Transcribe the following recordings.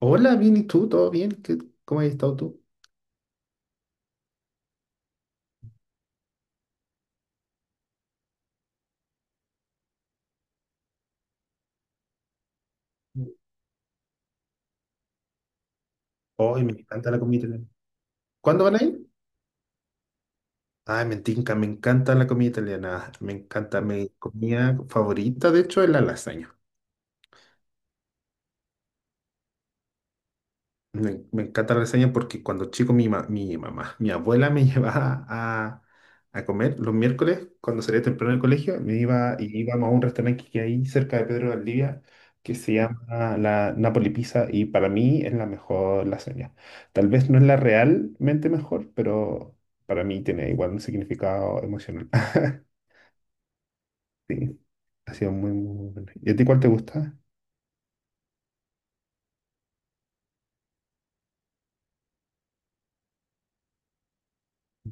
Hola, bien, ¿y tú? ¿Todo bien? ¿Cómo has estado tú? Hoy me encanta la comida italiana. ¿Cuándo van a ir? Ay, me tinca, me encanta la comida italiana. Me encanta, mi comida favorita, de hecho, es la lasaña. Me encanta la lasaña porque cuando chico mi mamá, mi abuela me llevaba a comer los miércoles, cuando salía temprano del colegio, me iba y íbamos a un restaurante que hay cerca de Pedro de Valdivia que se llama la Napoli Pizza y para mí es la mejor lasaña. Tal vez no es la realmente mejor, pero para mí tiene igual un significado emocional. Sí, ha sido muy, muy bueno. ¿Y a ti cuál te gusta?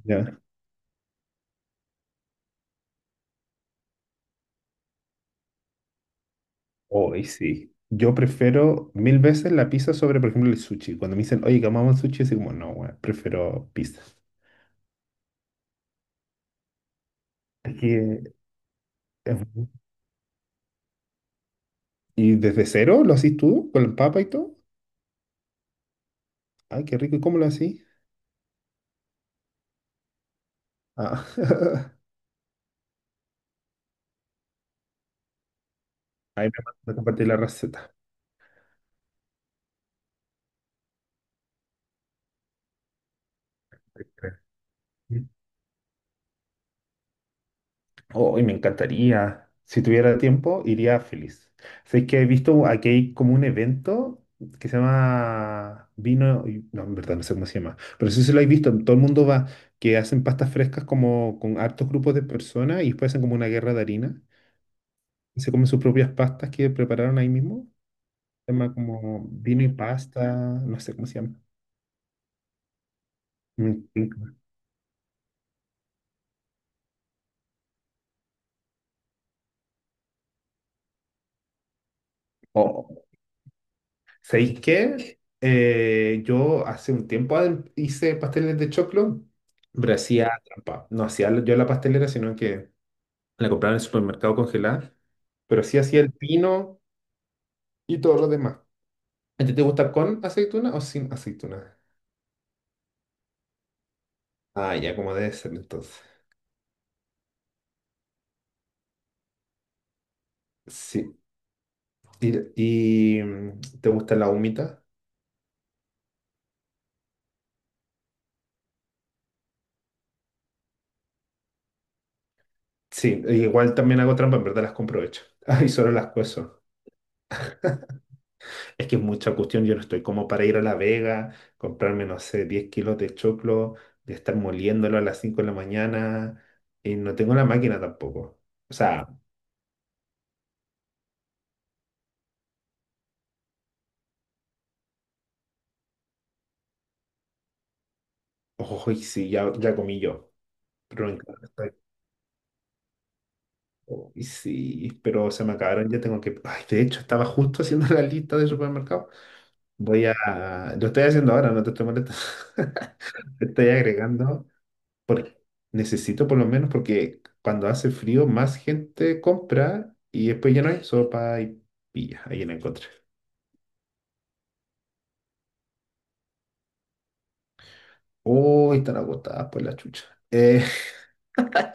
Ya. Hoy sí. Yo prefiero mil veces la pizza sobre, por ejemplo, el sushi. Cuando me dicen, oye, comamos sushi, así como, no, weón, prefiero pizza. Es que es bu- ¿Y desde cero lo haces tú? ¿Con el papa y todo? Ay, qué rico. ¿Y cómo lo haces? Ah. Ahí me vas a compartir la receta. Hoy me encantaría. Si tuviera tiempo, iría feliz. Sé que he visto aquí hay como un evento que se llama vino, no, en verdad no sé cómo se llama, pero sí se lo he visto. Todo el mundo va, que hacen pastas frescas como con hartos grupos de personas y después hacen como una guerra de harina. Y se comen sus propias pastas que prepararon ahí mismo. Se llama como vino y pasta, no sé cómo se llama. Mm, mm. ¿Sabéis qué? Yo hace un tiempo hice pasteles de choclo, pero hacía trampa. No hacía yo la pastelera, sino que la compraba en el supermercado congelada, pero sí hacía el pino y todo lo demás. ¿A ti te gusta con aceituna o sin aceituna? Ah, ya, como debe ser entonces. Sí. ¿Y, te gusta la humita? Sí, e igual también hago trampa, en verdad las compro hechas. Y solo las cuezo. Es que es mucha cuestión, yo no estoy como para ir a La Vega, comprarme, no sé, 10 kilos de choclo, de estar moliéndolo a las 5 de la mañana, y no tengo la máquina tampoco. O sea, ojo, y sí, ya, ya comí yo, pero en casa estoy, oh, y sí, pero se me acabaron, ya tengo que... Ay, de hecho, estaba justo haciendo la lista de supermercado. Voy a... Lo estoy haciendo ahora, no te estoy molestando. Estoy agregando por- necesito por lo menos porque cuando hace frío más gente compra y después ya no hay sopa y pilla, ahí la encontré. Uy, están agotadas por la chucha. Eh,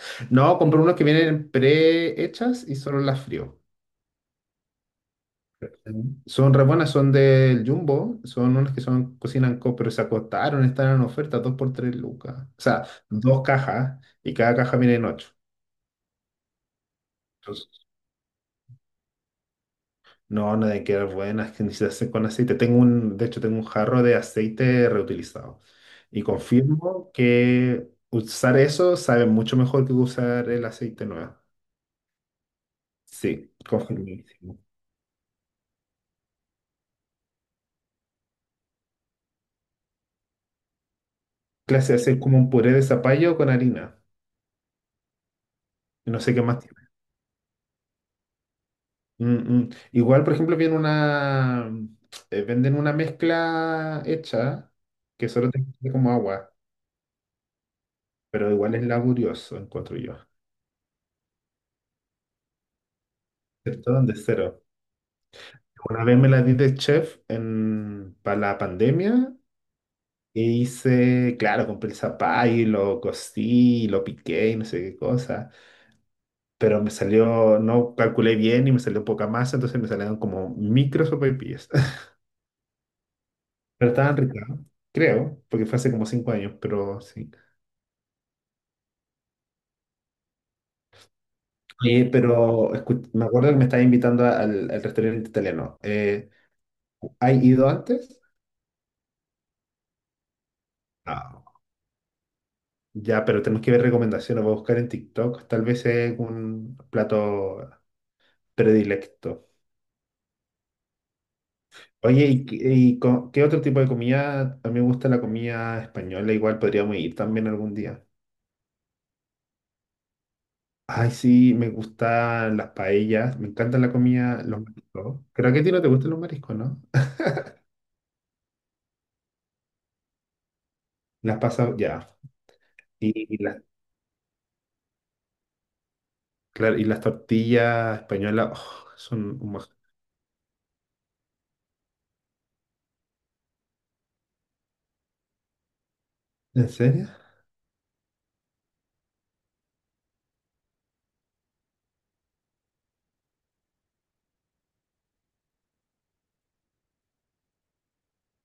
no, compré unos que vienen prehechas y solo las frío. Mm. Son re buenas, son del Jumbo, son unas que son cocinan co, pero se acotaron, están en oferta, dos por tres lucas. O sea, dos cajas y cada caja viene en ocho. No, no de quedar buenas, que ni se hace con aceite. Tengo un, de hecho, tengo un jarro de aceite reutilizado. Y confirmo que usar eso sabe mucho mejor que usar el aceite nuevo. Sí, confirmísimo. Clase de hacer como un puré de zapallo con harina. Y no sé qué más tiene. Mm, mm. Igual, por ejemplo, viene una, venden una mezcla hecha que solo te queda como agua, pero igual es laborioso, encuentro yo. ¿Cierto? De cero. Una vez me la di de chef en, para la pandemia y hice, claro, compré el zapallo y lo cocí, y lo piqué y no sé qué cosa, pero me salió, no calculé bien y me salió poca masa, entonces me salieron como micro sopaipillas. Pero estaban ricas, creo, porque fue hace como 5 años, pero sí. Oye, pero me acuerdo que me estaba invitando al, al restaurante italiano. ¿Hay ido antes? No. Ya, pero tenemos que ver recomendaciones. Voy a buscar en TikTok. Tal vez es un plato predilecto. Oye, ¿Qué otro tipo de comida? A mí me gusta la comida española, igual podríamos ir también algún día. Ay, sí, me gustan las paellas, me encanta la comida, los mariscos. Creo que a ti no te gustan los mariscos, ¿no? Las pasas, ya. Y las, claro, y las tortillas españolas, oh, son un maj- ¿En serio?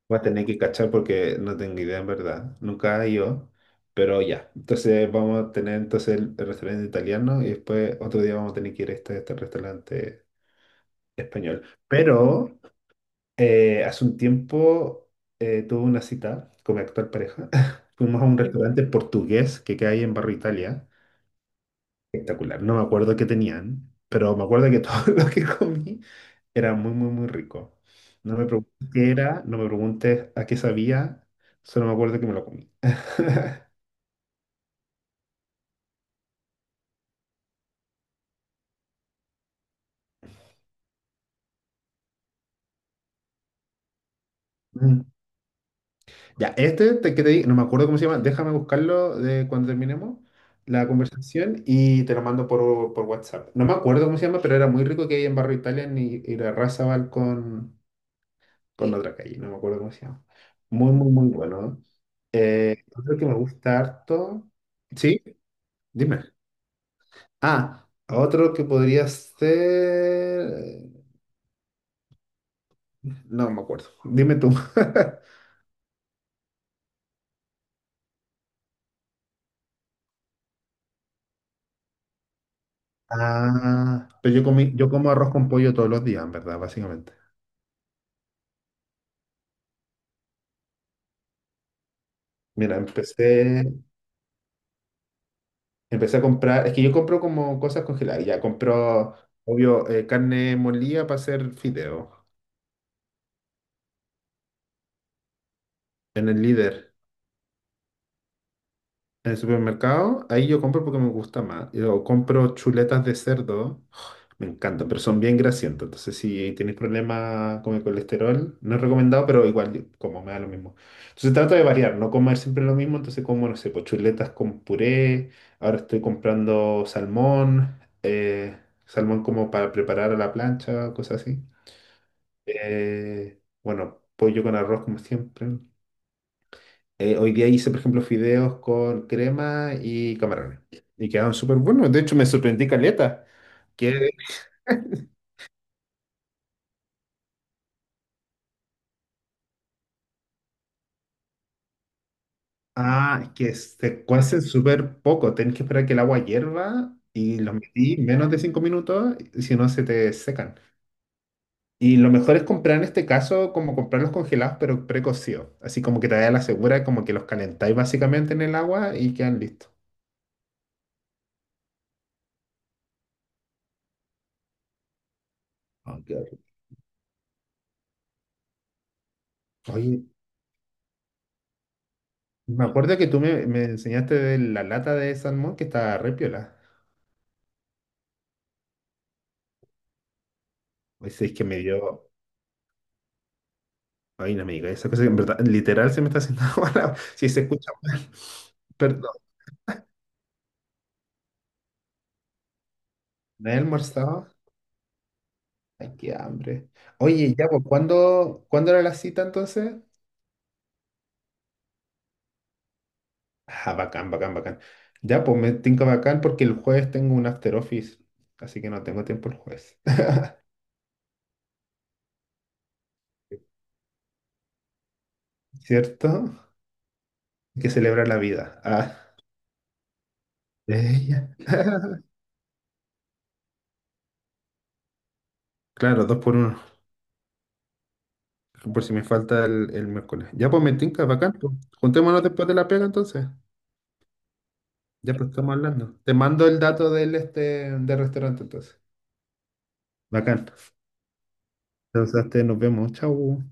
Voy a tener que cachar porque no tengo idea en verdad. Nunca he ido, pero ya. Entonces vamos a tener entonces el restaurante italiano y después otro día vamos a tener que ir a este, este restaurante español. Pero hace un tiempo tuve una cita con mi actual pareja. Fuimos a un restaurante portugués que queda ahí en Barrio Italia. Espectacular. No me acuerdo qué tenían, pero me acuerdo que todo lo que comí era muy, muy, muy rico. No me preguntes qué era, no me preguntes a qué sabía, solo me acuerdo que me lo comí. Ya, este te, que te di- no me acuerdo cómo se llama, déjame buscarlo de cuando terminemos la conversación y te lo mando por WhatsApp. No me acuerdo cómo se llama, pero era muy rico que hay en Barrio Italia y la Razabal con la otra calle, no me acuerdo cómo se llama. Muy, muy, muy bueno. Otro que me gusta harto. Sí, dime. Ah, otro que podría ser. No me acuerdo. Dime tú. Ah, pero yo comí, yo como arroz con pollo todos los días, en verdad, básicamente. Mira, empecé a comprar, es que yo compro como cosas congeladas, ya compro, obvio, carne molida para hacer fideo en el Líder, en el supermercado, ahí yo compro porque me gusta más. Yo compro chuletas de cerdo. Me encantan, pero son bien grasientos. Entonces, si tienes problemas con el colesterol, no es recomendado, pero igual yo como me da lo mismo. Entonces, trato de variar, no comer siempre lo mismo. Entonces, como, no sé, pues chuletas con puré. Ahora estoy comprando salmón, salmón como para preparar a la plancha, cosas así. Bueno, pollo con arroz, como siempre. Hoy día hice, por ejemplo, fideos con crema y camarones. Y quedaron súper buenos. De hecho, me sorprendí caleta. Que ah, es que se cuece súper poco. Tenés que esperar que el agua hierva y los metí menos de 5 minutos, y si no se te secan. Y lo mejor es comprar en este caso, como comprarlos congelados, pero precocidos. Así como que te da la segura, como que los calentáis básicamente en el agua y quedan listos. Ah, qué rico. Oye, me acuerdo que tú me, me enseñaste de la lata de salmón que estaba re piola. Oye, si es que me dio. Ay, no me digas esa cosa que en verdad, literal se me está haciendo agua. La- Si se escucha mal. Perdón, no he almorzado. Ay, qué hambre. Oye, ya, pues, ¿cuándo, cuándo era la cita entonces? Ah, bacán, bacán, bacán. Ya, pues me tinca bacán porque el jueves tengo un after office, así que no tengo tiempo el jueves. ¿Cierto? Hay que celebrar la vida. Ah, ella. Claro, dos por uno, por si me falta el miércoles. Ya, pues me tinca bacán. Pues. Juntémonos después de la pega entonces. Ya, pues estamos hablando. Te mando el dato del este del restaurante entonces. Bacán. Entonces, este, nos vemos. Chau.